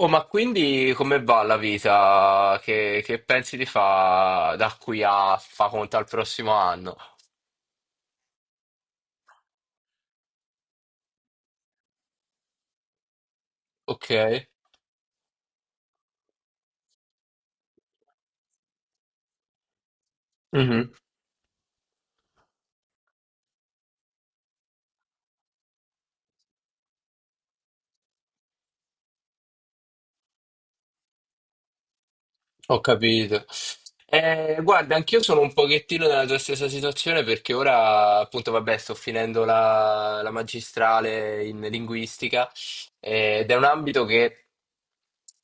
Oh, ma quindi come va la vita? Che pensi di fare da qui a fa conto al prossimo anno? Ok. Ho capito. Guarda, anch'io sono un pochettino nella tua stessa situazione perché ora, appunto, vabbè, sto finendo la magistrale in linguistica ed è un ambito che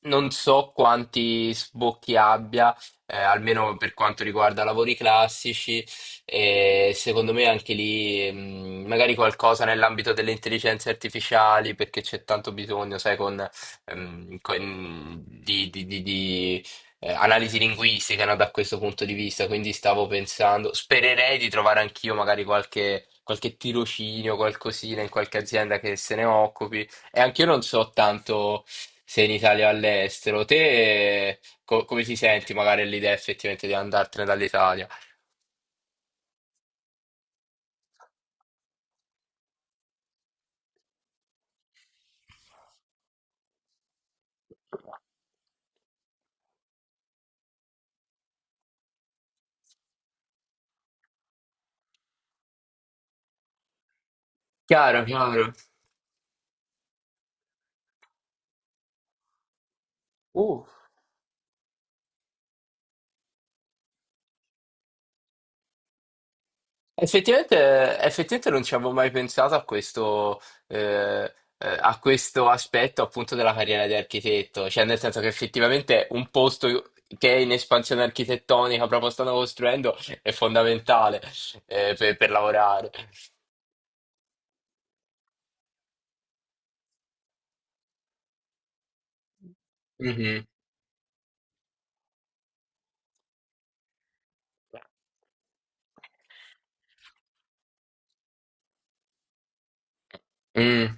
non so quanti sbocchi abbia, almeno per quanto riguarda lavori classici, e secondo me anche lì, magari qualcosa nell'ambito delle intelligenze artificiali perché c'è tanto bisogno, sai, con- di analisi linguistiche, no, da questo punto di vista, quindi stavo pensando, spererei di trovare anch'io magari qualche tirocinio, qualcosina in qualche azienda che se ne occupi. E anch'io non so tanto se in Italia o all'estero. Te come ti senti magari l'idea effettivamente di andartene dall'Italia? Chiaro, chiaro. Uh. Effettivamente, effettivamente non ci avevo mai pensato eh, a questo aspetto appunto della carriera di architetto, cioè nel senso che effettivamente un posto che è in espansione architettonica proprio stanno costruendo è fondamentale per lavorare. Mhm. Mm.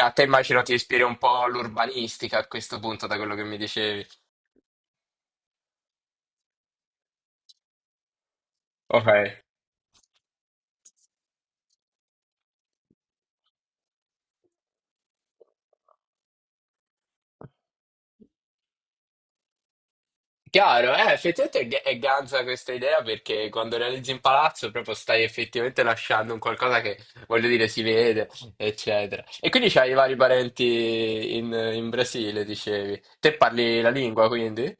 A te immagino ti ispiri un po' l'urbanistica a questo punto da quello che mi dicevi. Ok. Chiaro, effettivamente è ganza questa idea perché quando realizzi un palazzo proprio stai effettivamente lasciando un qualcosa che, voglio dire, si vede, eccetera. E quindi c'hai i vari parenti in Brasile, dicevi. Te parli la lingua, quindi?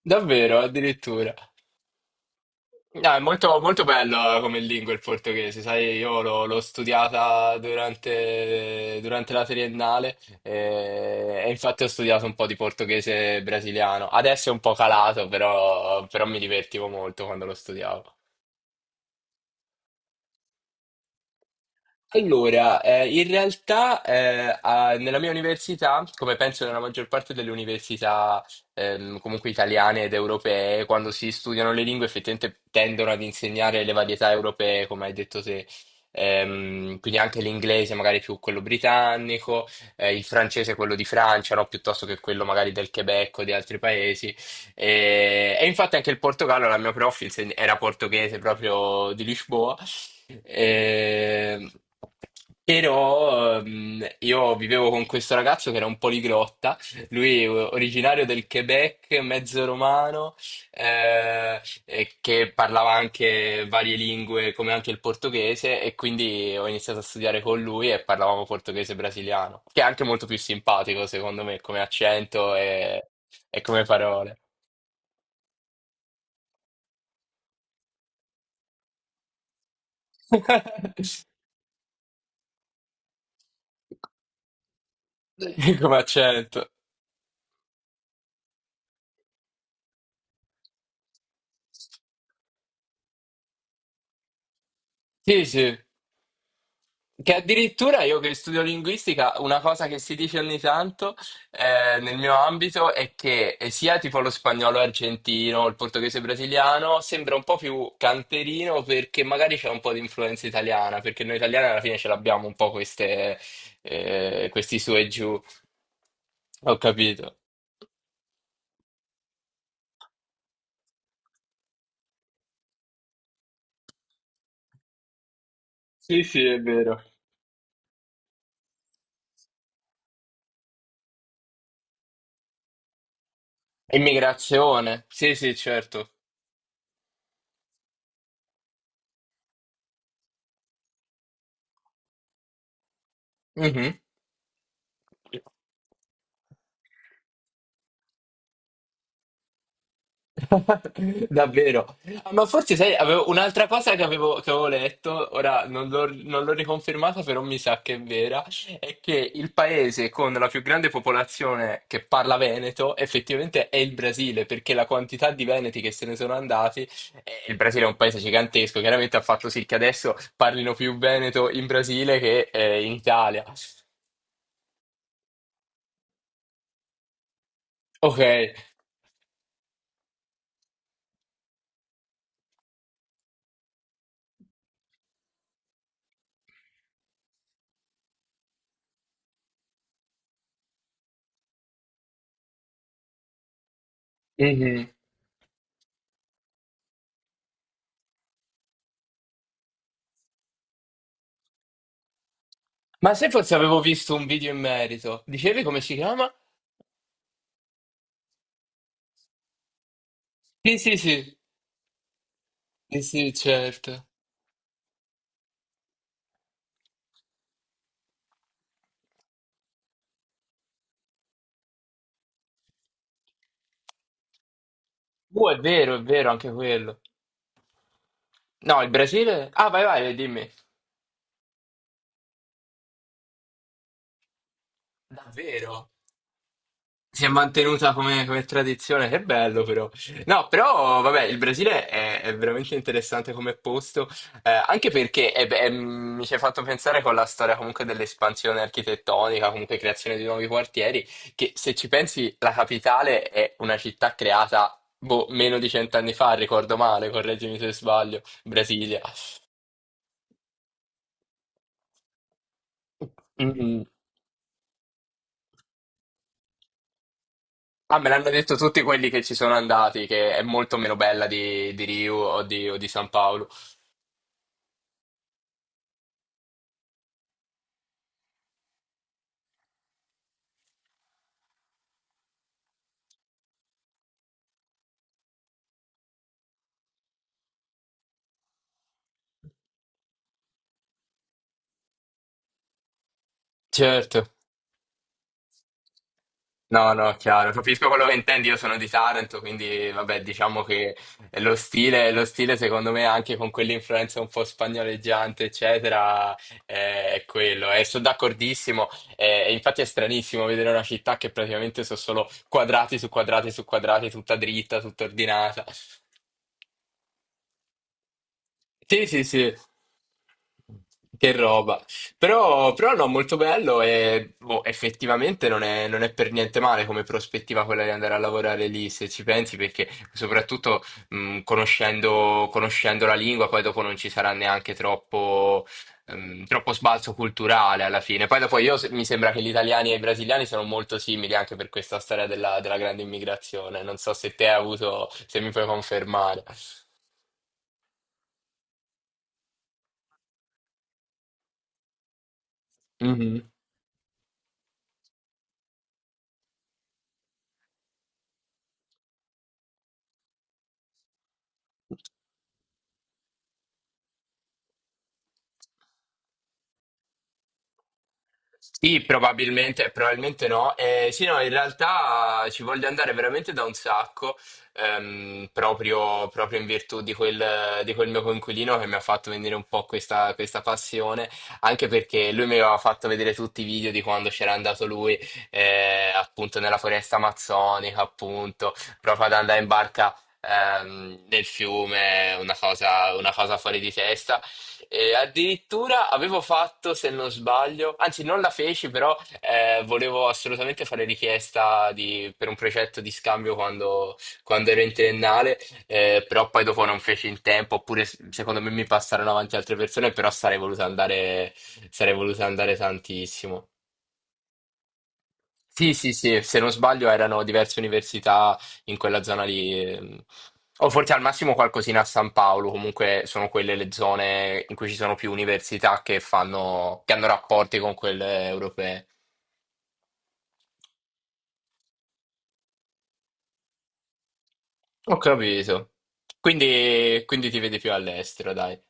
Davvero, addirittura. No, è molto, molto bello come lingua il portoghese, sai, io l'ho studiata durante la triennale e, infatti ho studiato un po' di portoghese brasiliano. Adesso è un po' calato, però mi divertivo molto quando lo studiavo. Allora, in realtà nella mia università, come penso nella maggior parte delle università comunque italiane ed europee, quando si studiano le lingue effettivamente tendono ad insegnare le varietà europee, come hai detto te. Quindi anche l'inglese magari più quello britannico, il francese quello di Francia, no? Piuttosto che quello magari del Quebec o di altri paesi. E infatti anche il Portogallo, la mia prof era portoghese proprio di Lisboa. Eh, però io vivevo con questo ragazzo che era un poliglotta, lui originario del Quebec, mezzo romano, e che parlava anche varie lingue come anche il portoghese e quindi ho iniziato a studiare con lui e parlavamo portoghese brasiliano, che è anche molto più simpatico secondo me come accento e come parole. Come accento. Sì, sì. Che addirittura io che studio linguistica, una cosa che si dice ogni tanto nel mio ambito è che sia tipo lo spagnolo argentino, il portoghese brasiliano, sembra un po' più canterino perché magari c'è un po' di influenza italiana, perché noi italiani alla fine ce l'abbiamo un po' questi su e giù. Ho capito. Sì, sì, è vero. Immigrazione. Sì, sì, certo. Mhm. Davvero. Ah, ma forse sai, avevo un'altra cosa che avevo, letto, ora non l'ho riconfermata, però mi sa che è vera, è che il paese con la più grande popolazione che parla veneto effettivamente è il Brasile, perché la quantità di veneti che se ne sono andati, il Brasile è un paese gigantesco, chiaramente ha fatto sì che adesso parlino più veneto in Brasile che in Italia. Ok. Mhm. Ma se forse avevo visto un video in merito, dicevi come si chiama? Sì, sì, sì. Sì, sì, certo. È vero, anche quello. No, il Brasile... Ah, vai, vai, dimmi. Davvero? Si è mantenuta come tradizione, che bello però. No, però, vabbè, il Brasile è veramente interessante come posto, anche perché beh, mi ci hai fatto pensare con la storia comunque dell'espansione architettonica, comunque creazione di nuovi quartieri, che se ci pensi la capitale è una città creata, boh, meno di cent'anni fa, ricordo male, correggimi se sbaglio, Brasilia. Mm. Ah, me l'hanno detto tutti quelli che ci sono andati, che è molto meno bella di Rio o o di San Paolo. Certo. No, no, chiaro, capisco quello che intendi, io sono di Taranto, quindi vabbè, diciamo che lo stile secondo me anche con quell'influenza un po' spagnoleggiante, eccetera, è quello. E sono d'accordissimo, e infatti è stranissimo vedere una città che praticamente sono solo quadrati su quadrati su quadrati, tutta dritta, tutta ordinata. Sì, sì, sì. Che roba. Però no, molto bello e boh, effettivamente non è per niente male come prospettiva quella di andare a lavorare lì, se ci pensi, perché soprattutto conoscendo, conoscendo la lingua, poi dopo non ci sarà neanche troppo, troppo sbalzo culturale alla fine. Poi dopo io mi sembra che gli italiani e i brasiliani sono molto simili anche per questa storia della grande immigrazione. Non so se te hai avuto, se mi puoi confermare. Mhm. Sì, probabilmente, probabilmente no. Sì, no, in realtà ci voglio andare veramente da un sacco, proprio, proprio in virtù di quel mio coinquilino che mi ha fatto venire un po' questa passione, anche perché lui mi aveva fatto vedere tutti i video di quando c'era andato lui, appunto nella foresta amazzonica, appunto, proprio ad andare in barca. Nel fiume, una cosa fuori di testa e addirittura avevo fatto, se non sbaglio, anzi non la feci, però volevo assolutamente fare richiesta per un progetto di scambio quando, ero in triennale, però poi dopo non feci in tempo, oppure secondo me mi passarono avanti altre persone, però sarei voluto andare tantissimo. Sì, sì, sì, se non sbaglio erano diverse università in quella zona lì, o forse al massimo qualcosina a San Paolo, comunque sono quelle le zone in cui ci sono più università che fanno, che hanno rapporti con quelle europee. Ho capito. Quindi, quindi ti vedi più all'estero, dai.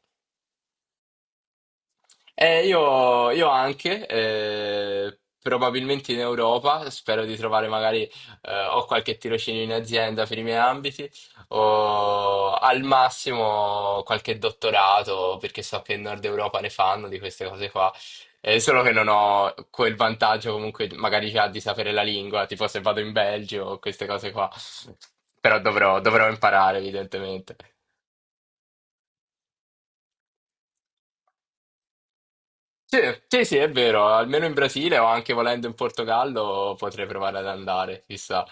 Io, anche probabilmente in Europa, spero di trovare magari, o qualche tirocinio in azienda per i miei ambiti, o al massimo qualche dottorato, perché so che in Nord Europa ne fanno di queste cose qua. Solo che non ho quel vantaggio comunque magari già di sapere la lingua, tipo se vado in Belgio o queste cose qua. Però dovrò imparare, evidentemente. Sì, sì, sì, è vero, almeno in Brasile o anche volendo in Portogallo potrei provare ad andare, chissà.